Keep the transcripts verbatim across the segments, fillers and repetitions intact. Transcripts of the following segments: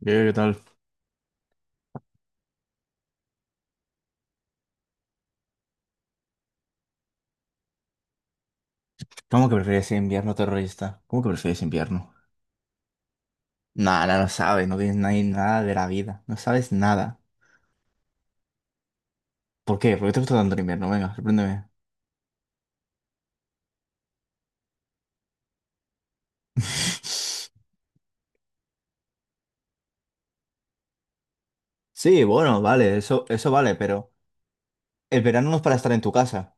Diego, ¿qué tal? ¿Cómo que prefieres invierno terrorista? ¿Cómo que prefieres invierno? Nada, no sabes, no tienes ni- nada de la vida, no sabes nada. ¿Por qué? ¿Por qué te gusta tanto el invierno? Venga, sorpréndeme. Sí, bueno, vale, eso, eso vale, pero el verano no es para estar en tu casa.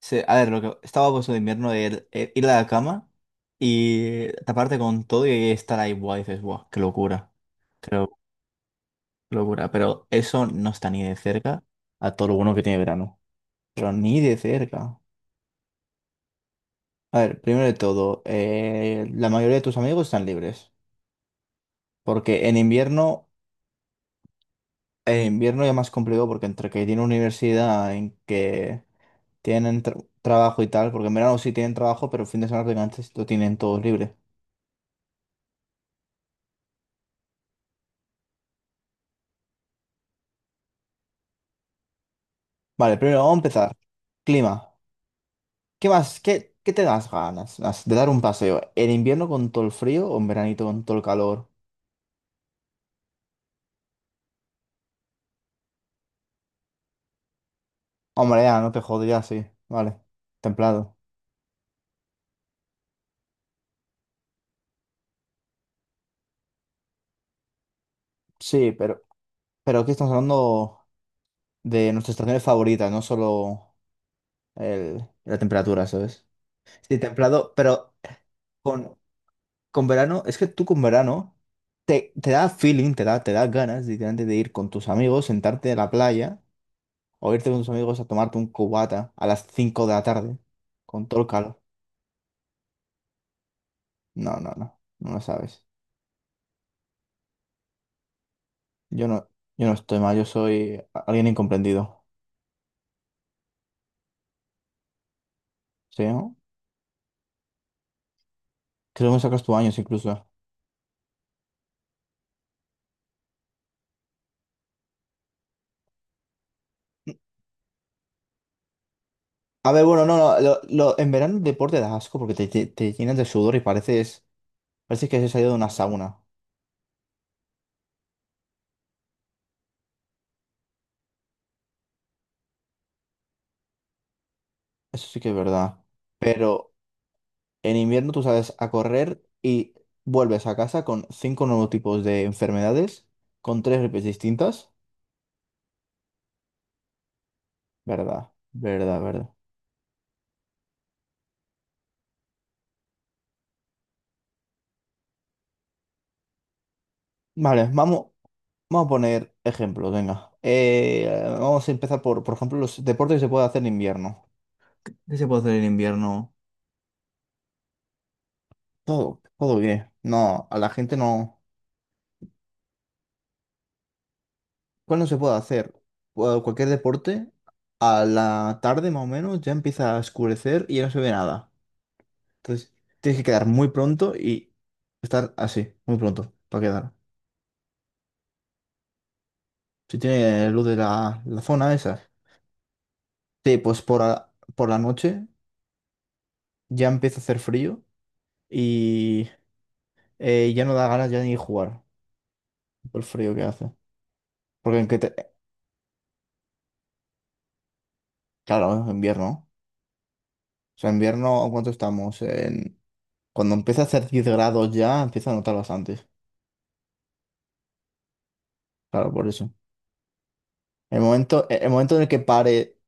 Se- a ver, lo que estaba puesto de invierno es ir a la cama y taparte con todo y estar ahí, buah, dices, buah, qué locura, qué lo- qué locura. Pero eso no está ni de cerca a todo lo bueno que tiene verano, pero ni de cerca. A ver, primero de todo, eh, la mayoría de tus amigos están libres, porque en invierno, en invierno ya más complicado porque entre que tienen universidad, en que tienen tra- trabajo y tal, porque en verano sí tienen trabajo, pero el fin de semana prácticamente lo tienen todos libre. Vale, primero vamos a empezar. Clima. ¿Qué más? ¿Qué, qué te das ganas las- de dar un paseo? ¿En invierno con todo el frío o en veranito con todo el calor? Hombre, ya, no te jodas, ya sí. Vale, templado. Sí, pero, pero aquí estamos hablando de nuestras estaciones favoritas, no solo el- la temperatura, ¿sabes? Sí, templado, pero con, con verano, es que tú con verano te, te da feeling, te da, te da ganas literalmente de ir con tus amigos, sentarte en la playa o irte con tus amigos a tomarte un cubata a las cinco de la tarde con todo el calor. No, no, no, no lo sabes. Yo no, yo no estoy mal, yo soy alguien incomprendido, ¿sí? no? Creo que me sacas tu años incluso. A ver, bueno, no, no, lo- lo- en verano el deporte da asco porque te, te, te llenas de sudor y pareces, pareces que has salido de una sauna. Eso sí que es verdad. Pero en invierno tú sales a correr y vuelves a casa con cinco nuevos tipos de enfermedades, con tres gripes distintas. Verdad, verdad, verdad. Vale, vamos, vamos a poner ejemplos, venga. Eh, vamos a empezar por, por ejemplo, los deportes que se puede hacer en invierno. ¿Qué se puede hacer en invierno? Todo, todo bien. No, a la gente no. ¿Cuál no se puede hacer? Cu- Cualquier deporte, a la tarde más o menos ya empieza a oscurecer y ya no se ve nada. Entonces, tienes que quedar muy pronto y estar así, muy pronto, para quedar. Si tiene luz de la, la zona esa. Sí, pues por, la- por la noche ya empieza a hacer frío y eh, ya no da ganas ya ni jugar por el frío que hace. Porque en que te- Claro, en invierno. O sea, en invierno, ¿cuánto estamos? En... Cuando empieza a hacer diez grados ya, empieza a notar bastante. Claro, por eso. El momento, e, el momento en el que pare,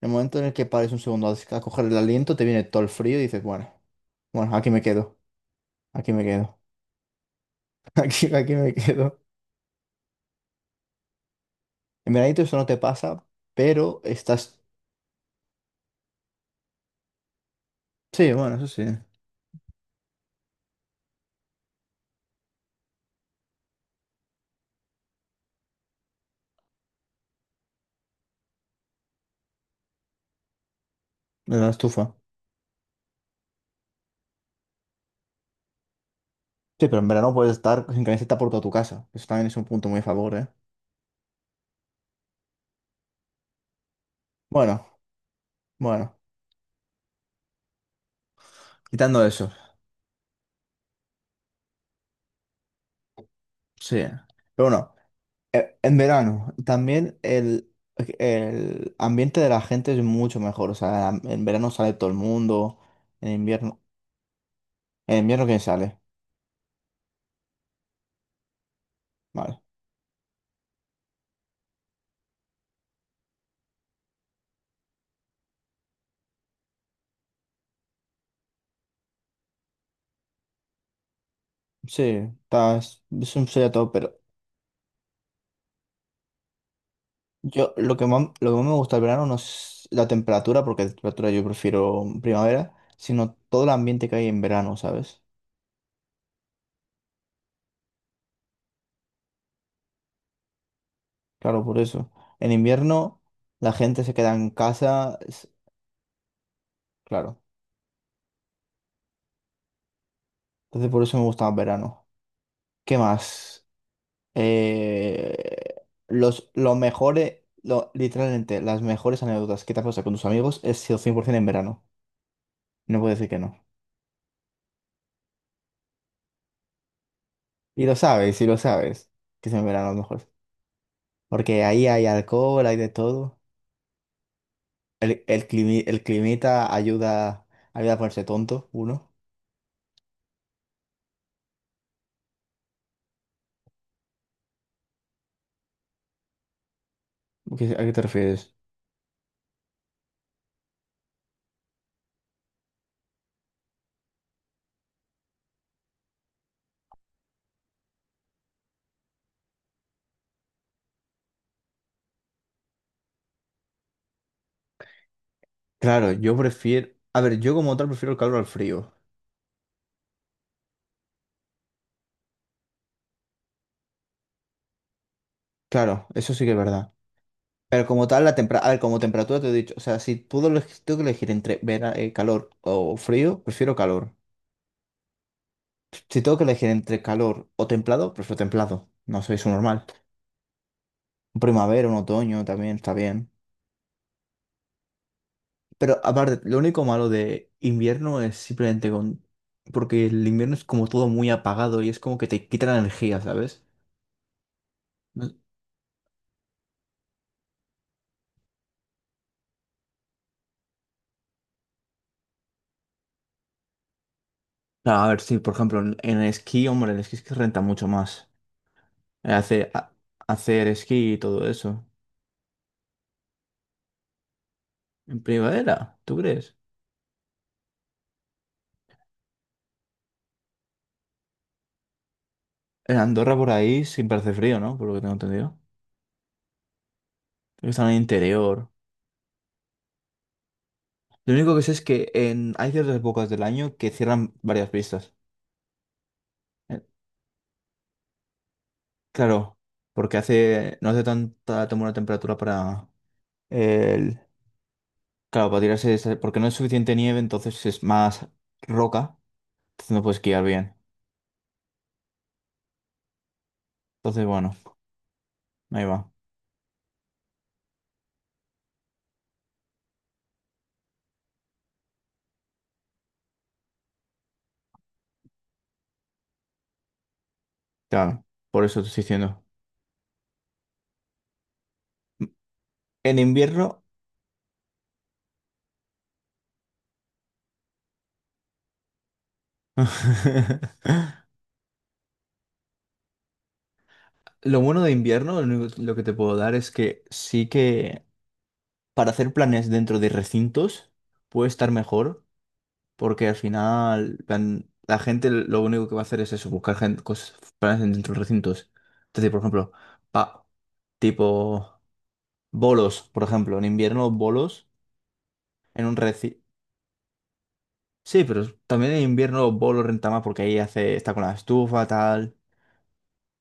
el momento en el que pares un segundo a, a coger el aliento, te viene todo el frío y dices, bueno, bueno, aquí me quedo, aquí me quedo, aquí, aquí me quedo. En veranito eso no te pasa, pero estás, sí, bueno, eso sí, en la estufa. Sí, pero en verano puedes estar sin camiseta por toda tu casa. Eso también es un punto muy a favor, ¿eh? Bueno, bueno, quitando eso, sí. Pero bueno. E- En verano, también el, el ambiente de la gente es mucho mejor. O sea, en verano sale todo el mundo, en invierno. En invierno, ¿quién sale? Vale. Sí, está, es, es un sería todo, pero yo lo que más, lo que más, me gusta del verano no es la temperatura, porque la temperatura yo prefiero primavera, sino todo el ambiente que hay en verano, ¿sabes? Claro, por eso. En invierno, la gente se queda en casa, es- claro. Entonces, por eso me gusta más verano. ¿Qué más? Eh, los, lo mejores, lo, literalmente, las mejores anécdotas que te has pasado con tus amigos es sido cien por ciento en verano. No puedo decir que no. Y lo sabes, y lo sabes, que es en verano los mejores. Porque ahí hay alcohol, hay de todo. El, el, climi- el climita ayuda, ayuda a ponerse tonto, uno. ¿Qué- ¿A qué te refieres? Claro, yo prefiero... A ver, yo como tal prefiero el calor al frío. Claro, eso sí que es verdad. Pero como tal, la tempera- a ver, como temperatura te he dicho, o sea, si puedo eleg- tengo que elegir entre vera- eh, calor o frío, prefiero calor. Si tengo que elegir entre calor o templado, prefiero templado. No soy su normal. Un primavera, un otoño también está bien. Pero aparte, lo único malo de invierno es simplemente con... Porque el invierno es como todo muy apagado y es como que te quita la energía, ¿sabes? No- Ah, a ver, sí, por ejemplo, en en el esquí, hombre, el esquí es que renta mucho más. Eh, Hace, a- Hacer esquí y todo eso. En primavera, ¿tú crees? En Andorra por ahí siempre hace frío, ¿no? Por lo que tengo entendido. Creo que están en el interior. Lo único que sé es que en... hay ciertas épocas del año que cierran varias pistas. Eh, claro, porque hace... no hace tanta tan buena temperatura para el... Claro, para tirarse... esa- porque no es suficiente nieve, entonces es más roca. Entonces no puedes esquiar bien. Entonces, bueno, ahí va. Claro, por eso te estoy diciendo. En invierno... Lo bueno de invierno, lo único- lo que te puedo dar es que sí que para hacer planes dentro de recintos puede estar mejor, porque al final plan, la gente lo único que va a hacer es eso, buscar gen- cos- planes dentro de recintos. Entonces, por ejemplo, pa- tipo bolos, por ejemplo, en invierno bolos en un recinto. Sí, pero también en invierno bolos renta más porque ahí hace, está con la estufa, tal.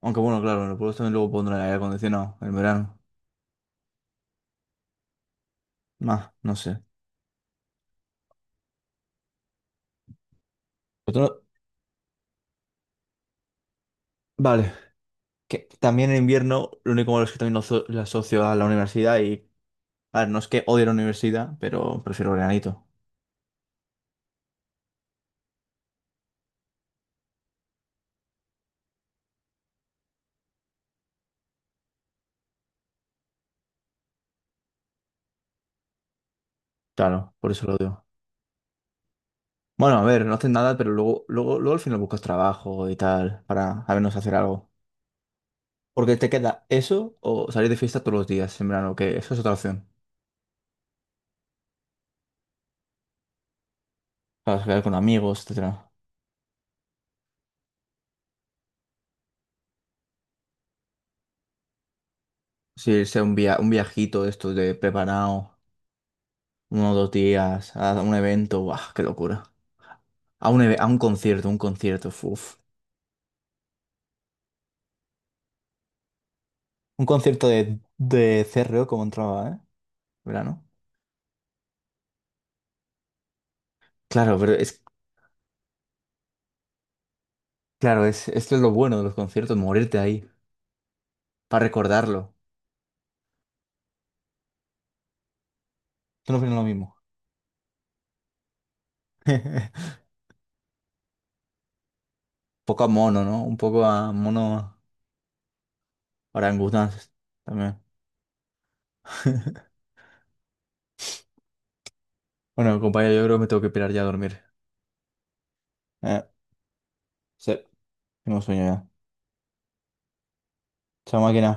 Aunque bueno, claro, en los bolos también luego pondrán el aire acondicionado en verano. Más, no sé. Otro- Vale. Que también en invierno, lo único malo es que también lo, aso- lo asocio a la universidad y, a ver, no es que odie la universidad, pero prefiero veranito. Claro, por eso lo odio. Bueno, a ver, no haces nada, pero luego, luego, luego al final buscas trabajo y tal, para al menos hacer algo. Porque te queda eso o salir de fiesta todos los días en verano, que eso es otra opción. Para quedar con amigos, etcétera. Si sea un via un viajito de estos de preparado, uno o dos días, a un evento, ¡buah, qué locura! A un, eve- a un concierto, un concierto, uff. Un concierto de, de CRO como entraba, ¿eh? Verano. Claro, pero es, claro, es, esto es lo bueno de los conciertos, morirte ahí, para recordarlo. Tú no opinas lo mismo. Un poco a mono, ¿no? Un poco a mono orangutanes también. Bueno, compañero, yo creo que me tengo que pirar ya a dormir. Eh, sí, tengo sueño ya. Chao, máquina.